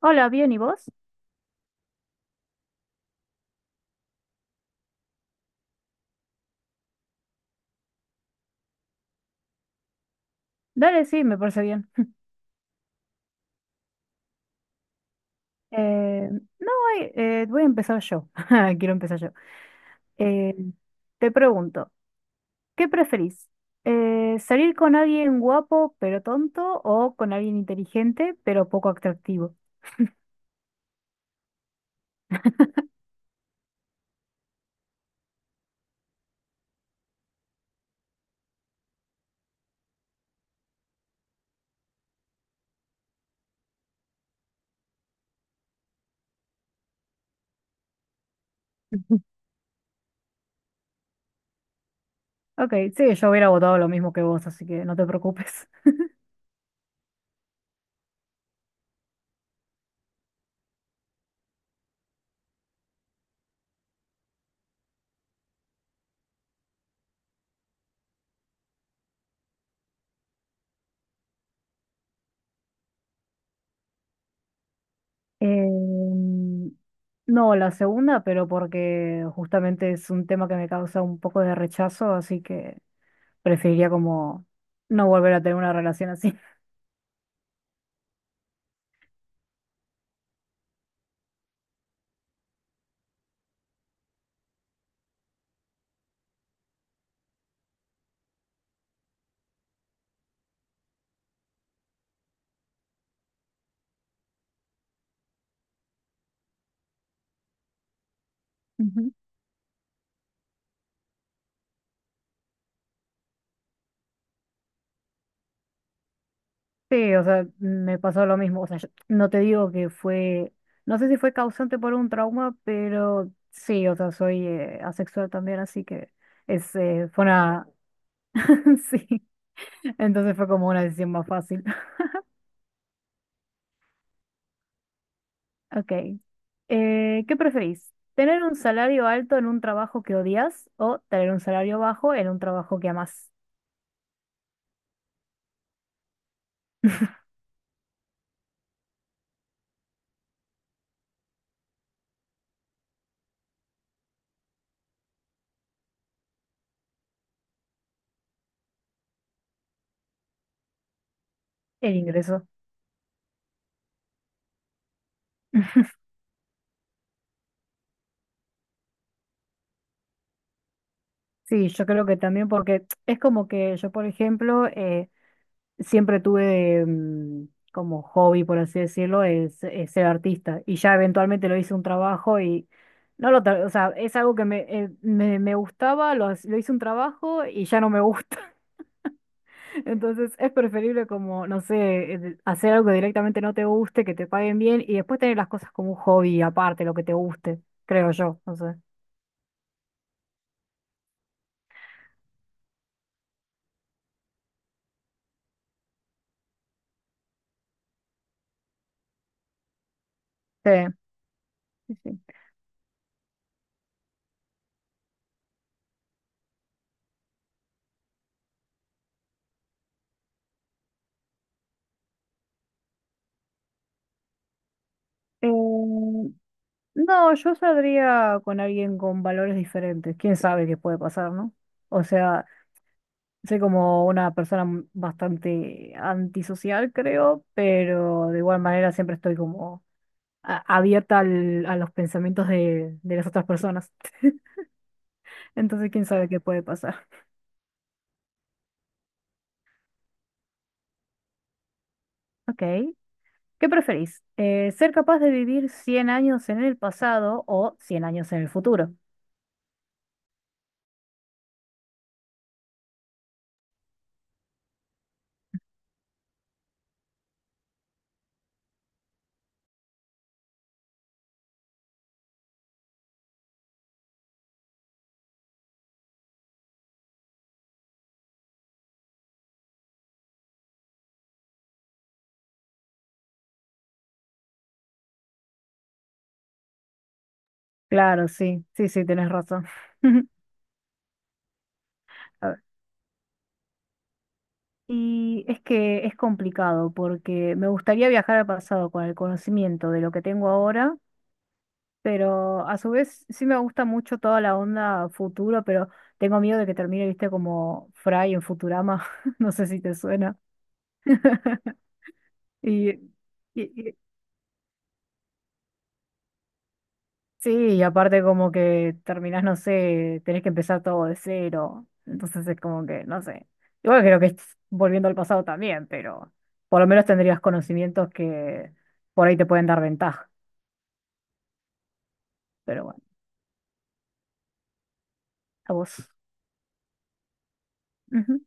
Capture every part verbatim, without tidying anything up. Hola, bien, ¿y vos? Dale, sí, me parece bien. Eh, no, ay, eh, voy a empezar yo. Quiero empezar yo. Eh, Te pregunto, ¿qué preferís? Eh, ¿salir con alguien guapo pero tonto o con alguien inteligente pero poco atractivo? Ok, sí, yo hubiera votado lo mismo que vos, así que no te preocupes. Em, no, la segunda, pero porque justamente es un tema que me causa un poco de rechazo, así que preferiría como no volver a tener una relación así. Ujú. Sí, o sea, me pasó lo mismo. O sea, yo no te digo que fue, no sé si fue causante por un trauma, pero sí, o sea, soy eh, asexual también, así que es, eh, fue una, sí, entonces fue como una decisión más fácil. Ok. Eh, ¿qué preferís? ¿Tener un salario alto en un trabajo que odias o tener un salario bajo en un trabajo que amas? El ingreso. Sí, yo creo que también porque es como que yo, por ejemplo, eh, siempre tuve mm, como hobby, por así decirlo, es, es ser artista. Y ya eventualmente lo hice un trabajo y no lo, tra- o sea, es algo que me, eh, me, me gustaba, lo, hac- lo hice un trabajo y ya no me gusta. Entonces es preferible como, no sé, eh, de- hacer algo que directamente no te guste, que te paguen bien y después tener las cosas como un hobby aparte, lo que te guste, creo yo, no sé. Sí, sí, sí. Eh, No, yo saldría con alguien con valores diferentes. ¿Quién sabe qué puede pasar, no? O sea, soy como una persona m- bastante antisocial, creo, pero de igual manera siempre estoy como a- abierta al- a los pensamientos de, de las otras personas. Entonces, ¿quién sabe qué puede pasar? Ok. ¿Qué preferís? Eh, ¿ser capaz de vivir cien años en el pasado o cien años en el futuro? Claro, sí, sí, sí, tenés razón. Y es que es complicado porque me gustaría viajar al pasado con el conocimiento de lo que tengo ahora, pero a su vez sí me gusta mucho toda la onda futuro, pero tengo miedo de que termine, viste, como Fry en Futurama, no sé si te suena. Y, y- Sí, y aparte como que terminás, no sé, tenés que empezar todo de cero. Entonces es como que, no sé. Igual creo que es volviendo al pasado también, pero por lo menos tendrías conocimientos que por ahí te pueden dar ventaja. Pero bueno, a vos. Ujú.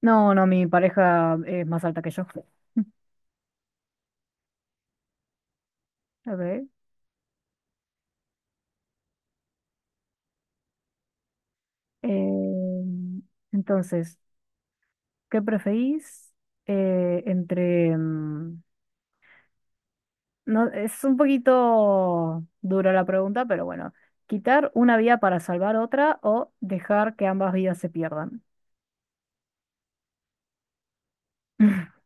No, no, mi pareja es más alta que yo. A ver. eh, entonces, ¿qué preferís eh, entre... mm, no, es un poquito dura la pregunta, pero bueno, quitar una vida para salvar otra o dejar que ambas vidas se pierdan.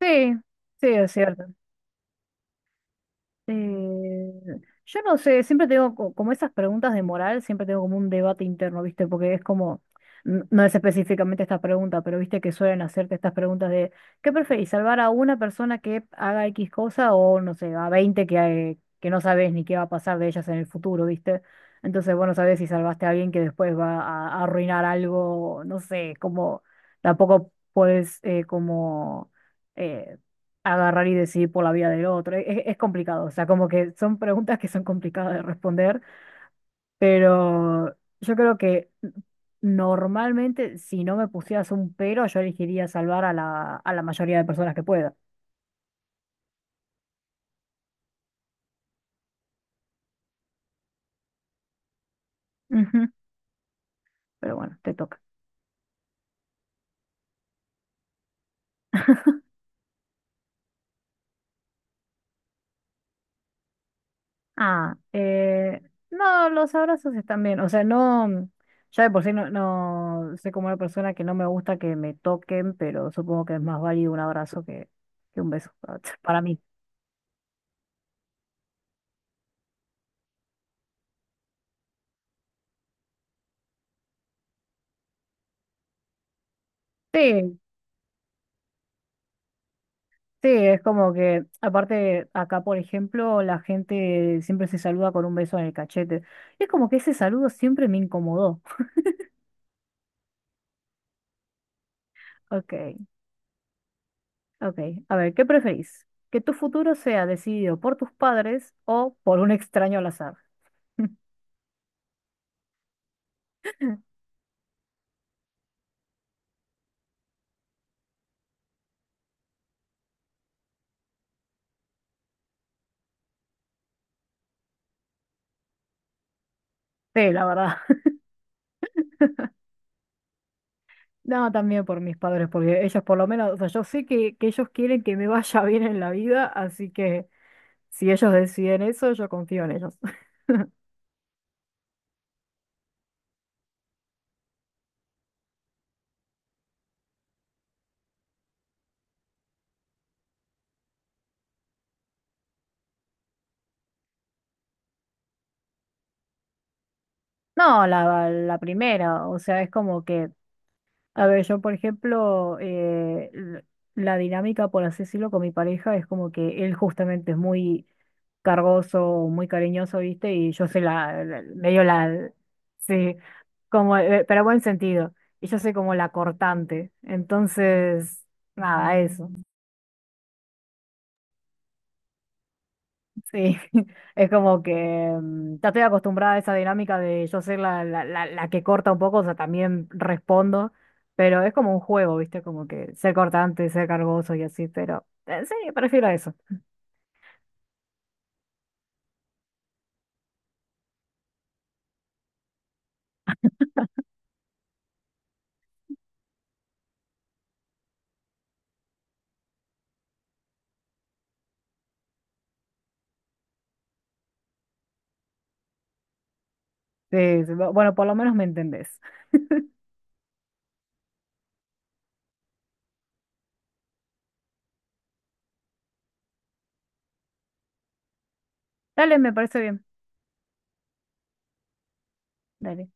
Sí, sí, es cierto. Eh, yo no sé, siempre tengo co- como esas preguntas de moral, siempre tengo como un debate interno, ¿viste? Porque es como, n- no es específicamente esta pregunta, pero viste que suelen hacerte estas preguntas de, ¿qué preferís, salvar a una persona que haga X cosa o, no sé, a veinte que, eh, que no sabes ni qué va a pasar de ellas en el futuro, ¿viste? Entonces, bueno, sabes si salvaste a alguien que después va a, a arruinar algo, no sé, como tampoco puedes eh, como... eh, agarrar y decidir por la vida del otro. Es, es complicado, o sea, como que son preguntas que son complicadas de responder, pero yo creo que normalmente si no me pusieras un pero, yo elegiría salvar a la, a la mayoría de personas que pueda. Ujú. Pero bueno, te toca. Ah, eh, no, los abrazos están bien, o sea, no, ya de por sí no, no soy como una persona que no me gusta que me toquen, pero supongo que es más válido un abrazo que, que un beso para para mí. Sí, sí, es como que, aparte, acá, por ejemplo, la gente siempre se saluda con un beso en el cachete. Y es como que ese saludo siempre me incomodó. Ok, ok. A ver, ¿qué preferís? ¿Que tu futuro sea decidido por tus padres o por un extraño al azar? Sí, la verdad. No, también por mis padres, porque ellos por lo menos, o sea, yo sé que, que ellos quieren que me vaya bien en la vida, así que si ellos deciden eso, yo confío en ellos. No, la, la primera, o sea, es como que a ver, yo por ejemplo, eh, l- la dinámica, por así decirlo, con mi pareja es como que él justamente es muy cargoso, muy cariñoso, ¿viste? Y yo soy la, la- medio la, sí, como, eh, pero buen sentido. Y yo soy como la cortante. Entonces, nada, eso. Sí, es como que mm, ya estoy acostumbrada a esa dinámica de yo ser la, la, la, la que corta un poco, o sea, también respondo, pero es como un juego, ¿viste? Como que ser cortante, ser cargoso y así, pero eh, sí, prefiero eso. Sí, sí, bu- bueno, por lo menos me entendés. Dale, me parece bien. Dale.